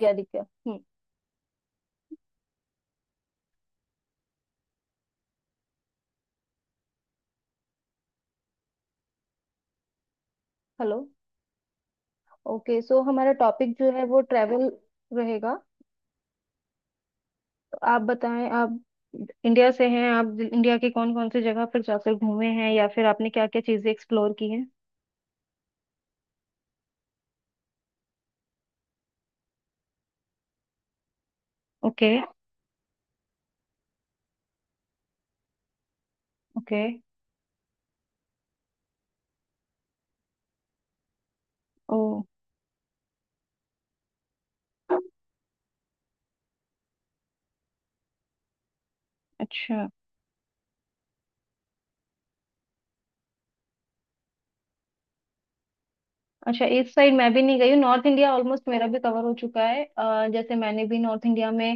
गया दिख गया। हम्म। हेलो। ओके, सो हमारा टॉपिक जो है वो ट्रैवल रहेगा। तो आप बताएं, आप इंडिया से हैं? आप इंडिया के कौन कौन से जगह पर जाकर घूमे हैं या फिर आपने क्या क्या चीजें एक्सप्लोर की हैं? ओके। ओके। ओ। अच्छा। अच्छा, इस साइड मैं भी नहीं गई हूँ। नॉर्थ इंडिया ऑलमोस्ट मेरा भी कवर हो चुका है। जैसे मैंने भी नॉर्थ इंडिया में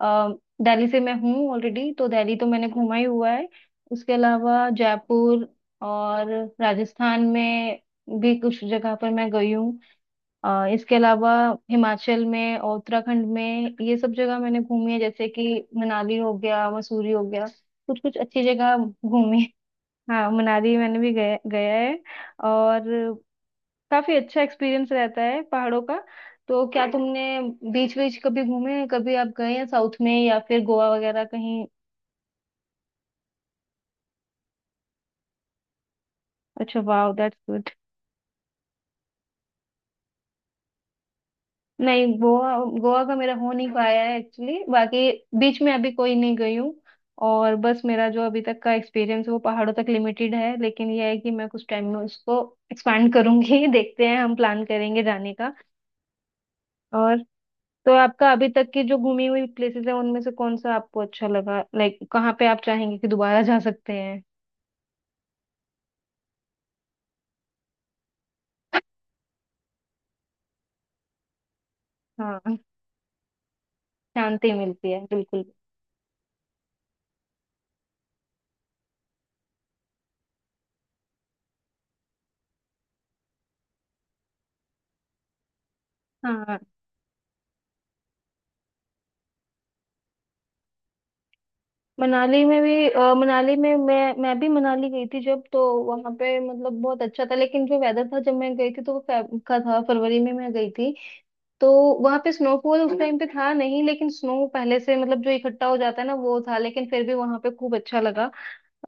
अ, दिल्ली से मैं हूँ ऑलरेडी, तो दिल्ली तो मैंने घूमा ही हुआ है। उसके अलावा जयपुर और राजस्थान में भी कुछ जगह पर मैं गई हूँ। इसके अलावा हिमाचल में और उत्तराखंड में ये सब जगह मैंने घूमी है, जैसे कि मनाली हो गया, मसूरी हो गया, कुछ कुछ अच्छी जगह घूमी। हाँ, मनाली मैंने भी गया गया है। और काफी अच्छा एक्सपीरियंस रहता है पहाड़ों का। तो क्या तुमने बीच बीच कभी घूमे, कभी आप गए हैं साउथ में या फिर गोवा वगैरह कहीं? अच्छा, वाह, दैट्स गुड। नहीं, गोवा, गोवा का मेरा हो नहीं पाया है एक्चुअली। बाकी बीच में अभी कोई नहीं गई हूँ। और बस मेरा जो अभी तक का एक्सपीरियंस है वो पहाड़ों तक लिमिटेड है, लेकिन यह है कि मैं कुछ टाइम में उसको एक्सपैंड करूंगी। देखते हैं, हम प्लान करेंगे जाने का। और तो आपका अभी तक की जो घूमी हुई प्लेसेस है उनमें से कौन सा आपको अच्छा लगा, लाइक कहाँ पे आप चाहेंगे कि दोबारा जा सकते हैं? हाँ, शांति मिलती है बिल्कुल। हाँ, मनाली में भी मनाली में मैं भी मनाली गई थी जब, तो वहां पे मतलब बहुत अच्छा था। लेकिन जो वेदर था जब मैं गई थी, तो वो फेब का था, फरवरी में मैं गई थी। तो वहां पे स्नोफॉल उस टाइम पे था नहीं, लेकिन स्नो पहले से, मतलब जो इकट्ठा हो जाता है ना वो था। लेकिन फिर भी वहां पे खूब अच्छा लगा।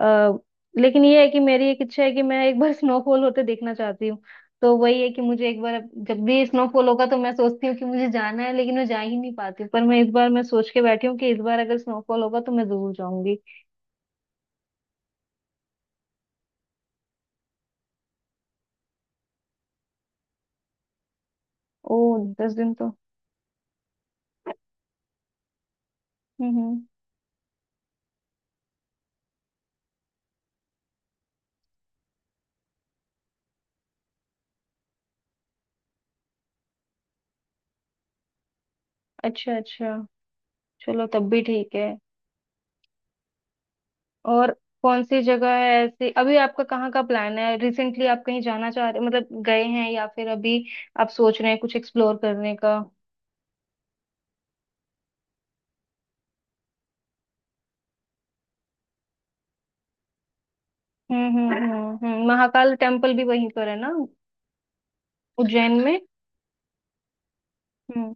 अ, लेकिन ये है कि मेरी एक इच्छा है कि मैं एक बार स्नोफॉल होते देखना चाहती हूँ। तो वही है कि मुझे एक बार जब भी स्नोफॉल होगा तो मैं सोचती हूँ कि मुझे जाना है, लेकिन मैं जा ही नहीं पाती हूँ। पर मैं इस बार मैं सोच के बैठी हूँ कि इस बार अगर स्नोफॉल होगा तो मैं जरूर जाऊंगी। ओ। 10 दिन तो। हम्म। अच्छा अच्छा। चलो, तब भी ठीक है। और कौन सी जगह है ऐसी, अभी आपका कहाँ का प्लान है? रिसेंटली आप कहीं जाना चाह रहे, मतलब गए हैं या फिर अभी आप सोच रहे हैं कुछ एक्सप्लोर करने का? हम्म। महाकाल टेम्पल भी वहीं पर है ना उज्जैन में? हम्म।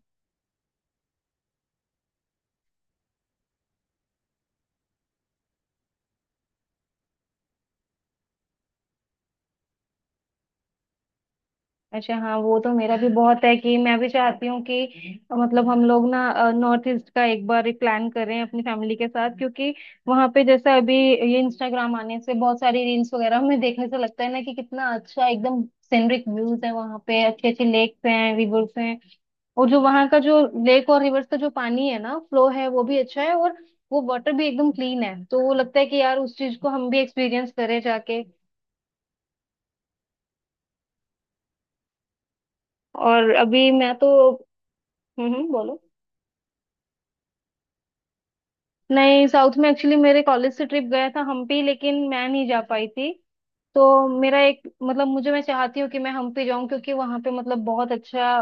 अच्छा, हाँ, वो तो मेरा भी बहुत है कि मैं भी चाहती हूँ कि मतलब हम लोग ना नॉर्थ ईस्ट का एक बार एक प्लान करें अपनी फैमिली के साथ। क्योंकि वहाँ पे जैसा अभी ये इंस्टाग्राम आने से बहुत सारी रील्स वगैरह में देखने से लगता है ना कि कितना अच्छा एकदम सीनरिक व्यूज है, वहाँ पे अच्छे अच्छे लेक्स हैं, रिवर्स हैं। और जो वहां का जो लेक और रिवर्स का जो पानी है ना, फ्लो है वो भी अच्छा है। और वो वाटर भी एकदम क्लीन है, तो वो लगता है कि यार उस चीज को हम भी एक्सपीरियंस करें जाके। और अभी मैं तो, बोलो। नहीं, साउथ में एक्चुअली मेरे कॉलेज से ट्रिप गया था हम्पी, लेकिन मैं नहीं जा पाई थी। तो मेरा एक मतलब मुझे, मैं चाहती हूँ कि मैं हम्पी जाऊँ क्योंकि वहां पे मतलब बहुत अच्छा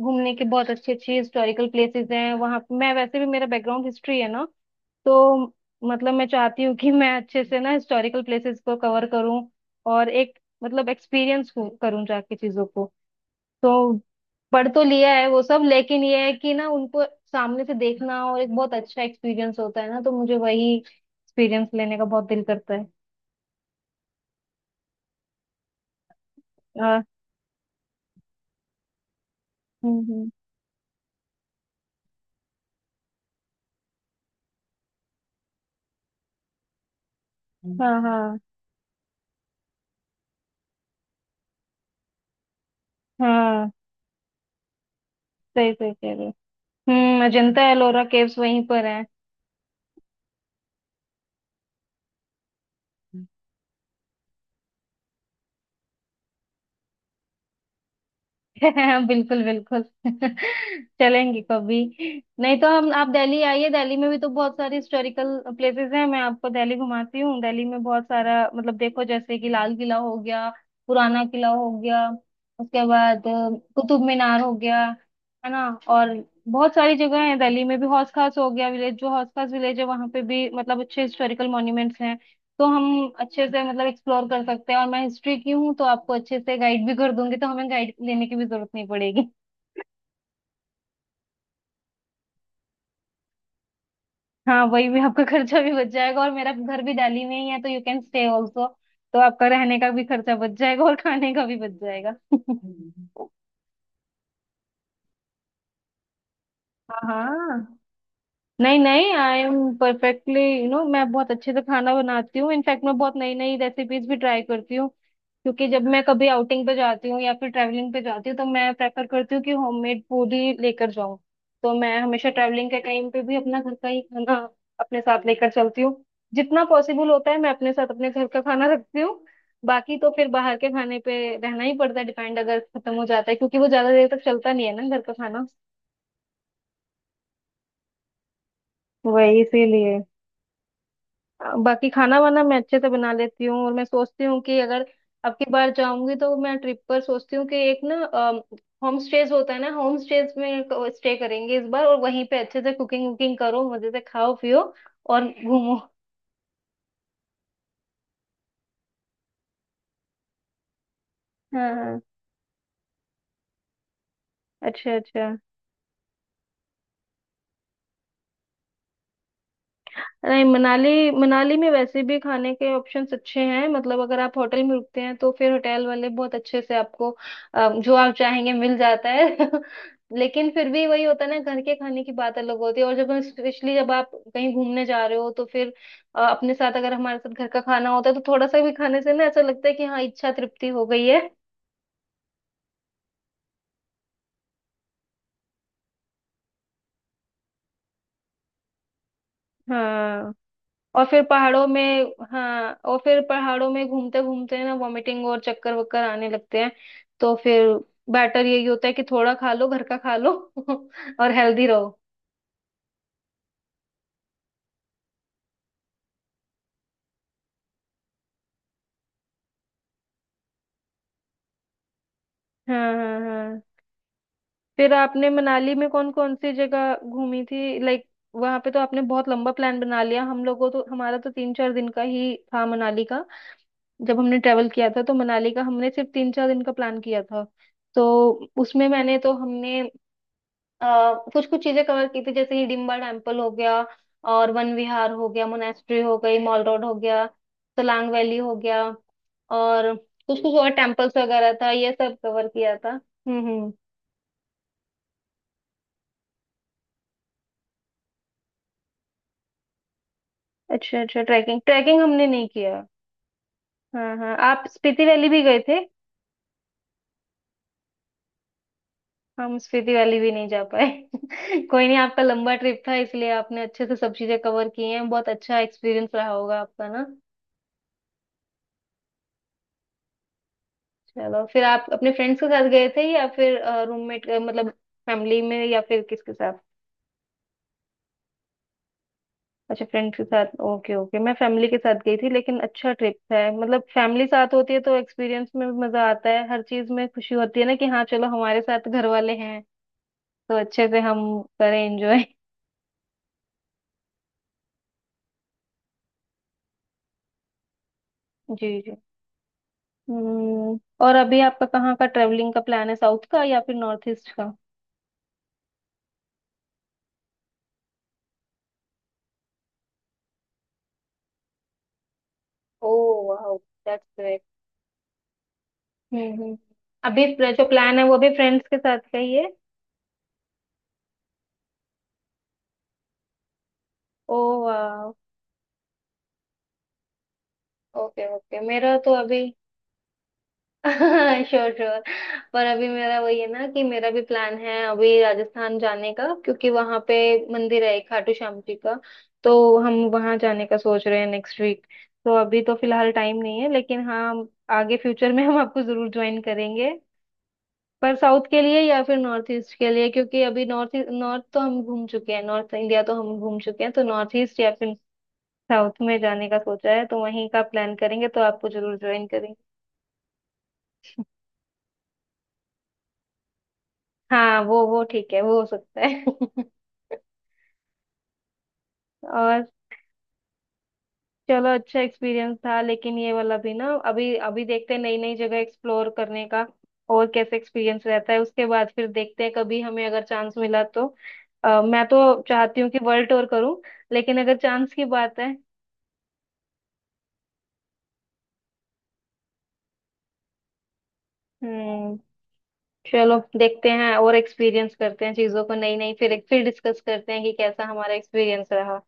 घूमने के, बहुत अच्छी अच्छी हिस्टोरिकल प्लेसेस हैं वहां। मैं वैसे भी, मेरा बैकग्राउंड हिस्ट्री है ना, तो मतलब मैं चाहती हूँ कि मैं अच्छे से ना हिस्टोरिकल प्लेसेस को कवर करूँ। और एक मतलब एक्सपीरियंस करूँ जाके चीजों को। तो पढ़ तो लिया है वो सब, लेकिन ये है कि ना उनको सामने से देखना और एक बहुत अच्छा एक्सपीरियंस होता है ना, तो मुझे वही एक्सपीरियंस लेने का बहुत दिल करता है। हाँ। हम्म हम्म। हाँ हाँ हाँ। सही सही कह रहे हो। हम्म। अजंता एलोरा केव्स वहीं पर है। बिल्कुल बिल्कुल। चलेंगे कभी। नहीं तो हम, आप दिल्ली आइए, दिल्ली में भी तो बहुत सारी हिस्टोरिकल प्लेसेस हैं। मैं आपको दिल्ली घुमाती हूँ। दिल्ली में बहुत सारा, मतलब देखो, जैसे कि लाल किला हो गया, पुराना किला हो गया, उसके बाद कुतुब मीनार हो गया। है ना? और बहुत सारी जगह है दिल्ली में भी, हौस खास हो गया, विलेज जो हौस खास विलेज है वहाँ पे भी मतलब अच्छे हिस्टोरिकल मॉन्यूमेंट्स हैं। तो हम अच्छे से मतलब एक्सप्लोर कर सकते हैं, और मैं हिस्ट्री की हूँ, तो आपको अच्छे से गाइड भी कर दूंगी, तो हमें गाइड लेने की भी जरूरत नहीं पड़ेगी। हाँ, वही भी आपका खर्चा भी बच जाएगा, और मेरा घर भी डाली में ही है, तो यू कैन स्टे ऑल्सो। तो आपका रहने का भी खर्चा बच जाएगा और खाने का भी बच जाएगा। हाँ हाँ। नहीं नहीं, I am perfectly you know, मैं बहुत अच्छे से खाना बनाती हूँ। इनफैक्ट मैं बहुत नई नई रेसिपीज भी ट्राई करती हूँ। क्योंकि जब मैं कभी आउटिंग पे जाती हूँ या फिर ट्रैवलिंग पे जाती हूँ, तो मैं प्रेफर करती हूँ कि होममेड फूड ही लेकर जाऊँ। तो मैं हमेशा ट्रैवलिंग के टाइम पे भी अपना घर का ही खाना अपने साथ लेकर चलती हूँ। जितना पॉसिबल होता है मैं अपने साथ अपने घर का खाना रखती हूँ। बाकी तो फिर बाहर के खाने पे रहना ही पड़ता है, डिपेंड अगर खत्म हो जाता है क्योंकि वो ज्यादा देर तक चलता नहीं है ना घर का खाना। वही इसीलिए बाकी खाना वाना मैं अच्छे से बना लेती हूँ। और मैं सोचती हूँ कि अगर अब की बार जाऊंगी तो मैं ट्रिप पर सोचती हूँ कि एक ना होम स्टेज होता है ना, होम स्टेज में स्टे करेंगे इस बार। और वहीं पे अच्छे से कुकिंग वुकिंग करो, मजे से खाओ पियो और घूमो। हाँ हाँ। अच्छा अच्छा। नहीं, मनाली मनाली में वैसे भी खाने के ऑप्शंस अच्छे हैं, मतलब अगर आप होटल में रुकते हैं तो फिर होटल वाले बहुत अच्छे से आपको जो आप चाहेंगे मिल जाता है। लेकिन फिर भी वही होता है ना, घर के खाने की बात अलग होती है। और जब हम स्पेशली, जब आप कहीं घूमने जा रहे हो तो फिर अपने साथ अगर हमारे साथ घर का खाना होता है तो थोड़ा सा भी खाने से ना ऐसा लगता है कि हाँ इच्छा तृप्ति हो गई है। हाँ और फिर पहाड़ों में। हाँ और फिर पहाड़ों में घूमते घूमते ना वॉमिटिंग और चक्कर वक्कर आने लगते हैं, तो फिर बेटर यही होता है कि थोड़ा खा लो, घर का खा लो। और हेल्दी रहो। हाँ हाँ हाँ। फिर आपने मनाली में कौन कौन सी जगह घूमी थी, लाइक? वहां पे तो आपने बहुत लंबा प्लान बना लिया, हम लोगों तो, हमारा तो 3-4 दिन का ही था मनाली का। जब हमने ट्रेवल किया था तो मनाली का हमने सिर्फ 3-4 दिन का प्लान किया था। तो उसमें मैंने तो हमने कुछ कुछ चीजें कवर की थी, जैसे हिडिम्बा टेम्पल हो गया, और वन विहार हो गया, मोनेस्ट्री हो गई, मॉल रोड हो गया, सोलांग वैली हो गया, और कुछ कुछ और टेम्पल्स वगैरह था, ये सब कवर किया था। हम्म। अच्छा अच्छा। ट्रैकिंग, ट्रैकिंग हमने नहीं किया। हाँ हाँ, आप स्पीति वैली भी गए थे? हम स्पीति वैली भी नहीं जा पाए। कोई नहीं, आपका लंबा ट्रिप था, इसलिए आपने अच्छे से सब चीजें कवर की हैं, बहुत अच्छा एक्सपीरियंस रहा होगा आपका ना? चलो, फिर आप अपने फ्रेंड्स के साथ गए थे या फिर रूममेट, मतलब फैमिली में या फिर किसके साथ? अच्छा, फ्रेंड्स के साथ, ओके ओके। मैं फैमिली के साथ गई थी, लेकिन अच्छा ट्रिप था, मतलब फैमिली साथ होती है तो एक्सपीरियंस में भी मजा आता है, हर चीज में खुशी होती है ना कि हाँ चलो हमारे साथ घर वाले हैं, तो अच्छे से हम करें एंजॉय। जी जी। हम्म। और अभी आपका कहाँ का ट्रेवलिंग का प्लान है, साउथ का या फिर नॉर्थ ईस्ट का? ओह वाह, दैट्स ग्रेट। हम्म हम्म। अभी जो प्लान है वो भी फ्रेंड्स के साथ का ही है? ओ, वाह। ओके ओके, मेरा तो अभी। Sure sure. पर अभी मेरा वही है ना कि मेरा भी प्लान है अभी राजस्थान जाने का, क्योंकि वहां पे मंदिर है एक खाटू श्याम जी का। तो हम वहां जाने का सोच रहे हैं नेक्स्ट वीक। तो अभी तो फिलहाल टाइम नहीं है, लेकिन हाँ, आगे फ्यूचर में हम आपको जरूर ज्वाइन करेंगे, पर साउथ के लिए या फिर नॉर्थ ईस्ट के लिए। क्योंकि अभी नॉर्थ नॉर्थ तो हम घूम चुके हैं, नॉर्थ इंडिया तो हम घूम चुके हैं, तो नॉर्थ ईस्ट या फिर साउथ में जाने का सोचा है, तो वहीं का प्लान करेंगे, तो आपको जरूर ज्वाइन करेंगे। हाँ, वो ठीक है, वो हो सकता है। और चलो, अच्छा एक्सपीरियंस था, लेकिन ये वाला भी ना, अभी अभी देखते हैं नई नई जगह एक्सप्लोर करने का, और कैसे एक्सपीरियंस रहता है उसके बाद फिर देखते हैं, कभी हमें अगर चांस मिला तो मैं तो चाहती हूँ कि वर्ल्ड टूर करूं। लेकिन अगर चांस की बात है, हम्म। चलो, देखते हैं और एक्सपीरियंस करते हैं चीजों को नई नई, फिर डिस्कस करते हैं कि कैसा हमारा एक्सपीरियंस रहा।